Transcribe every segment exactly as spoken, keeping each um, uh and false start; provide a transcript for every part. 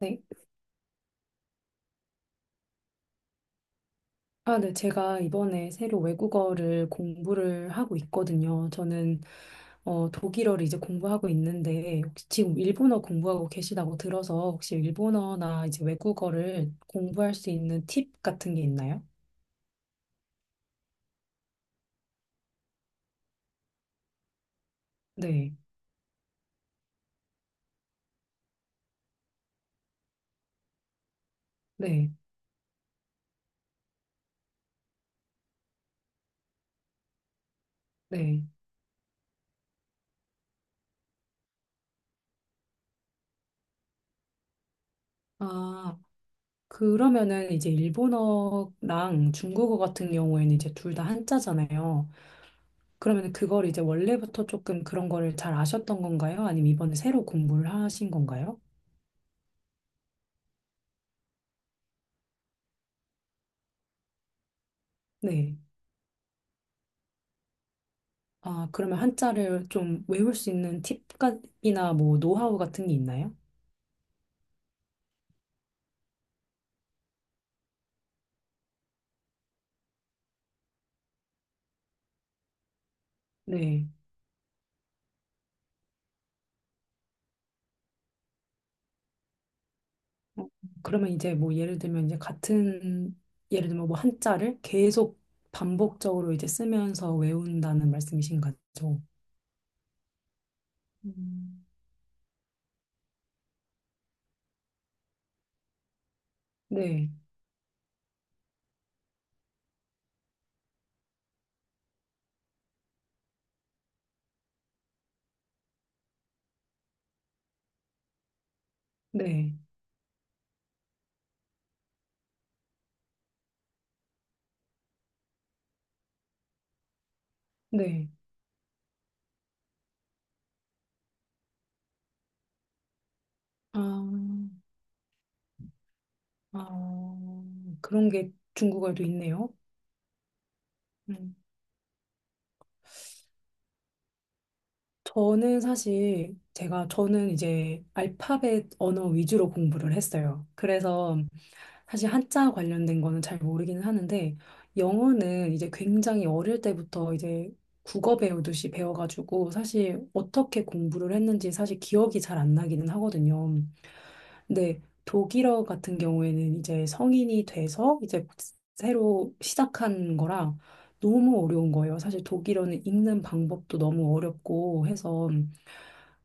네. 아, 네. 제가 이번에 새로 외국어를 공부를 하고 있거든요. 저는 어, 독일어를 이제 공부하고 있는데 혹시 지금 일본어 공부하고 계시다고 들어서 혹시 일본어나 이제 외국어를 공부할 수 있는 팁 같은 게 있나요? 네. 네. 네. 아, 그러면은 이제 일본어랑 중국어 같은 경우에는 이제 둘 다 한자잖아요. 그러면 그걸 이제 원래부터 조금 그런 거를 잘 아셨던 건가요? 아니면 이번에 새로 공부를 하신 건가요? 네. 아, 그러면 한자를 좀 외울 수 있는 팁이나 뭐 노하우 같은 게 있나요? 네. 어, 그러면 이제 뭐 예를 들면 이제 같은 예를 들면 뭐 한자를 계속 반복적으로 이제 쓰면서 외운다는 말씀이신 거죠? 음. 네. 네. 네. 아, 아, 그런 게 중국어에도 있네요. 음. 저는 사실 제가 저는 이제 알파벳 언어 위주로 공부를 했어요. 그래서 사실 한자 관련된 거는 잘 모르기는 하는데 영어는 이제 굉장히 어릴 때부터 이제 국어 배우듯이 배워가지고 사실 어떻게 공부를 했는지 사실 기억이 잘 안 나기는 하거든요. 근데 독일어 같은 경우에는 이제 성인이 돼서 이제 새로 시작한 거라 너무 어려운 거예요. 사실 독일어는 읽는 방법도 너무 어렵고 해서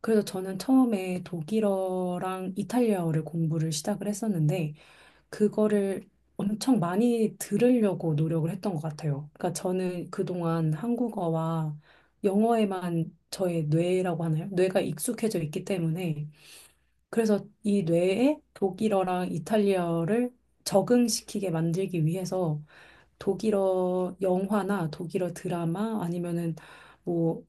그래서 저는 처음에 독일어랑 이탈리아어를 공부를 시작을 했었는데 그거를 엄청 많이 들으려고 노력을 했던 것 같아요. 그러니까 저는 그동안 한국어와 영어에만 저의 뇌라고 하나요? 뇌가 익숙해져 있기 때문에 그래서 이 뇌에 독일어랑 이탈리아어를 적응시키게 만들기 위해서 독일어 영화나 독일어 드라마 아니면은 뭐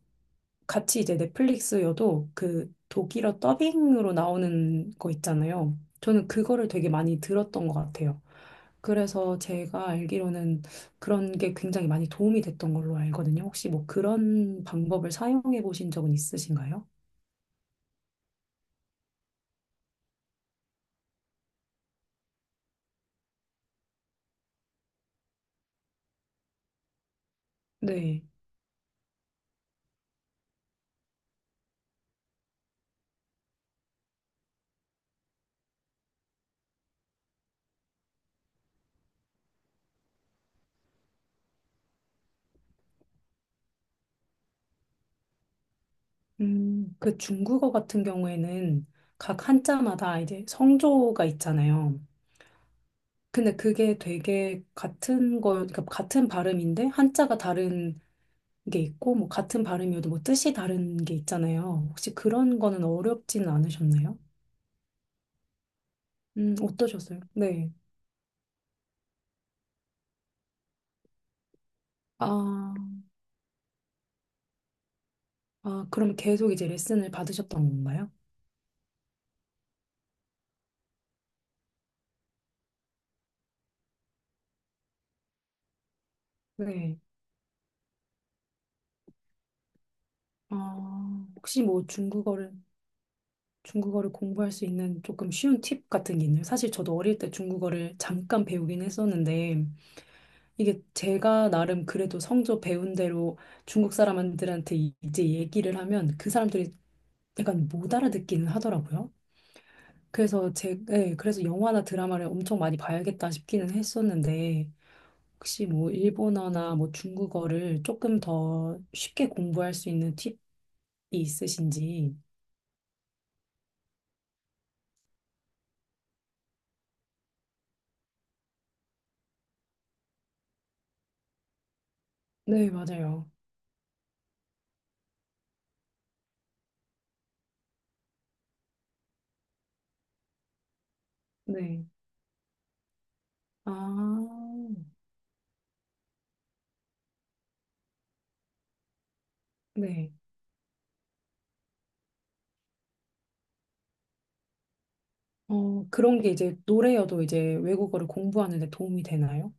같이 이제 넷플릭스여도 그 독일어 더빙으로 나오는 거 있잖아요. 저는 그거를 되게 많이 들었던 것 같아요. 그래서 제가 알기로는 그런 게 굉장히 많이 도움이 됐던 걸로 알거든요. 혹시 뭐 그런 방법을 사용해 보신 적은 있으신가요? 네. 음, 그 중국어 같은 경우에는 각 한자마다 이제 성조가 있잖아요. 근데 그게 되게 같은 걸, 그러니까 같은 발음인데 한자가 다른 게 있고, 뭐 같은 발음이어도 뭐 뜻이 다른 게 있잖아요. 혹시 그런 거는 어렵지는 않으셨나요? 음, 어떠셨어요? 네. 아. 아, 그럼 계속 이제 레슨을 받으셨던 건가요? 네. 아, 혹시 뭐 중국어를, 중국어를 공부할 수 있는 조금 쉬운 팁 같은 게 있나요? 사실 저도 어릴 때 중국어를 잠깐 배우긴 했었는데, 이게 제가 나름 그래도 성조 배운 대로 중국 사람들한테 이- 이제 얘기를 하면 그 사람들이 약간 못 알아듣기는 하더라고요. 그래서 제, 네, 그래서 영화나 드라마를 엄청 많이 봐야겠다 싶기는 했었는데, 혹시 뭐 일본어나 뭐 중국어를 조금 더 쉽게 공부할 수 있는 팁이 있으신지? 네, 맞아요. 네. 아, 네. 어, 그런 게 이제 노래여도 이제 외국어를 공부하는 데 도움이 되나요?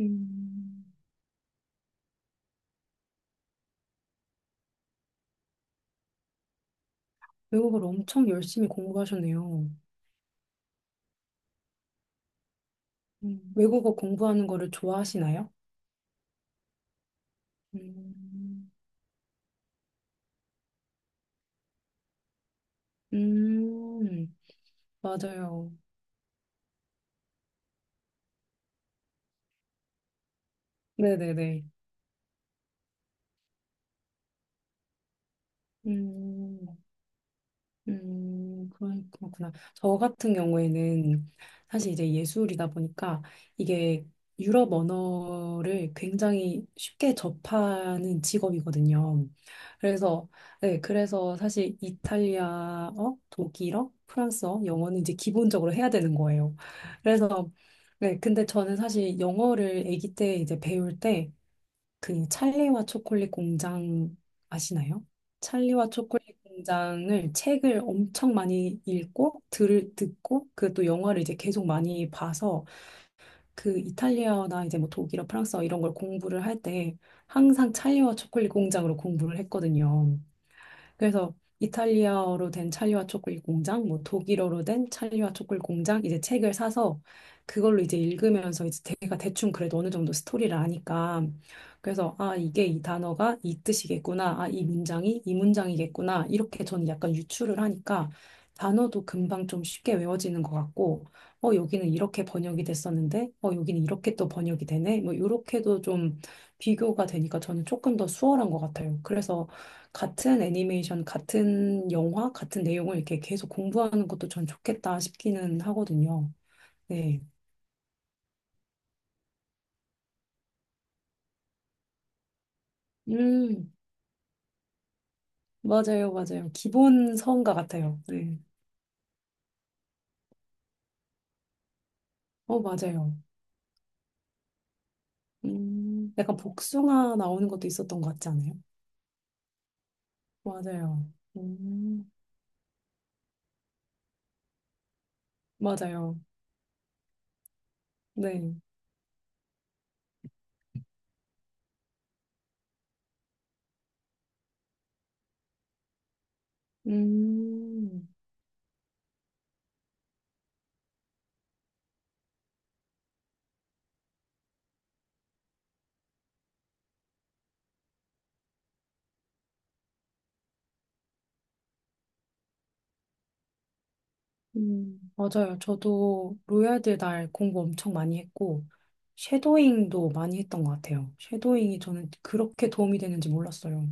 음, 외국어를 엄청 열심히 공부하셨네요. 음, 외국어 공부하는 거를 좋아하시나요? 음, 음, 맞아요. 네네네. 음, 음, 그런- 그렇구나. 저 같은 경우에는 사실 이제 예술이다 보니까 이게 유럽 언어를 굉장히 쉽게 접하는 직업이거든요. 그래서, 네, 그래서 사실 이탈리아어, 독일어, 프랑스어, 영어는 이제 기본적으로 해야 되는 거예요. 그래서, 네, 근데 저는 사실 영어를 아기 때 이제 배울 때 그 찰리와 초콜릿 공장 아시나요? 찰리와 초콜릿 공장을 책을 엄청 많이 읽고 들 듣고 그또 영화를 이제 계속 많이 봐서 그 이탈리아나 이제 뭐 독일어, 프랑스어 이런 걸 공부를 할 때 항상 찰리와 초콜릿 공장으로 공부를 했거든요. 그래서 이탈리아어로 된 찰리와 초콜릿 공장, 뭐 독일어로 된 찰리와 초콜릿 공장 이제 책을 사서 그걸로 이제 읽으면서 이제 제가 대충 그래도 어느 정도 스토리를 아니까 그래서 아 이게 이 단어가 이 뜻이겠구나, 아 이 문장이 이 문장이겠구나 이렇게 저는 약간 유추를 하니까 단어도 금방 좀 쉽게 외워지는 것 같고 어 여기는 이렇게 번역이 됐었는데 어 여기는 이렇게 또 번역이 되네 뭐 이렇게도 좀 비교가 되니까 저는 조금 더 수월한 것 같아요. 그래서 같은 애니메이션, 같은 영화, 같은 내용을 이렇게 계속 공부하는 것도 전 좋겠다 싶기는 하거든요. 네. 음, 맞아요, 맞아요. 기본 서원가 같아요. 네. 어, 맞아요. 음, 약간 복숭아 나오는 것도 있었던 것 같지 않아요? 맞아요. 음, 맞아요. 네. 음, 음, 맞아요. 저도 로얄드 날 공부 엄청 많이 했고, 쉐도잉도 많이 했던 것 같아요. 쉐도잉이 저는 그렇게 도움이 되는지 몰랐어요.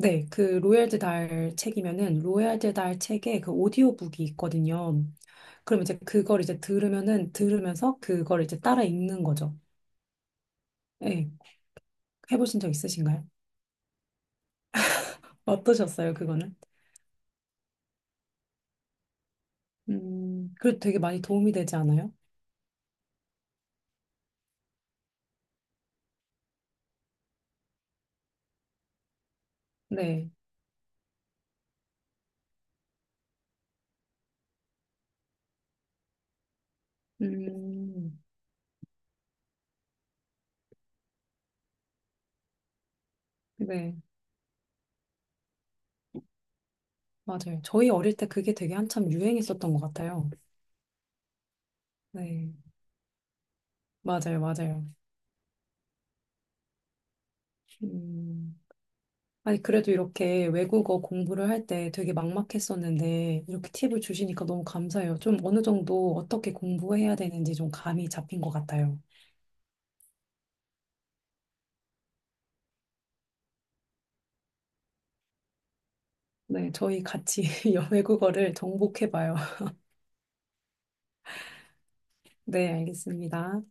네, 그 로얄드 달 책이면은 로얄드 달 책에 그 오디오북이 있거든요. 그럼 이제 그걸 이제 들으면은 들으면서 그걸 이제 따라 읽는 거죠. 네, 해보신 적 있으신가요? 어떠셨어요, 그거는? 음, 그래도 되게 많이 도움이 되지 않아요? 네, 음, 네, 맞아요. 저희 어릴 때 그게 되게 한참 유행했었던 것 같아요. 네, 맞아요, 맞아요. 음. 아니, 그래도 이렇게 외국어 공부를 할 때 되게 막막했었는데, 이렇게 팁을 주시니까 너무 감사해요. 좀 어느 정도 어떻게 공부해야 되는지 좀 감이 잡힌 것 같아요. 네, 저희 같이 외국어를 정복해봐요. 네, 알겠습니다.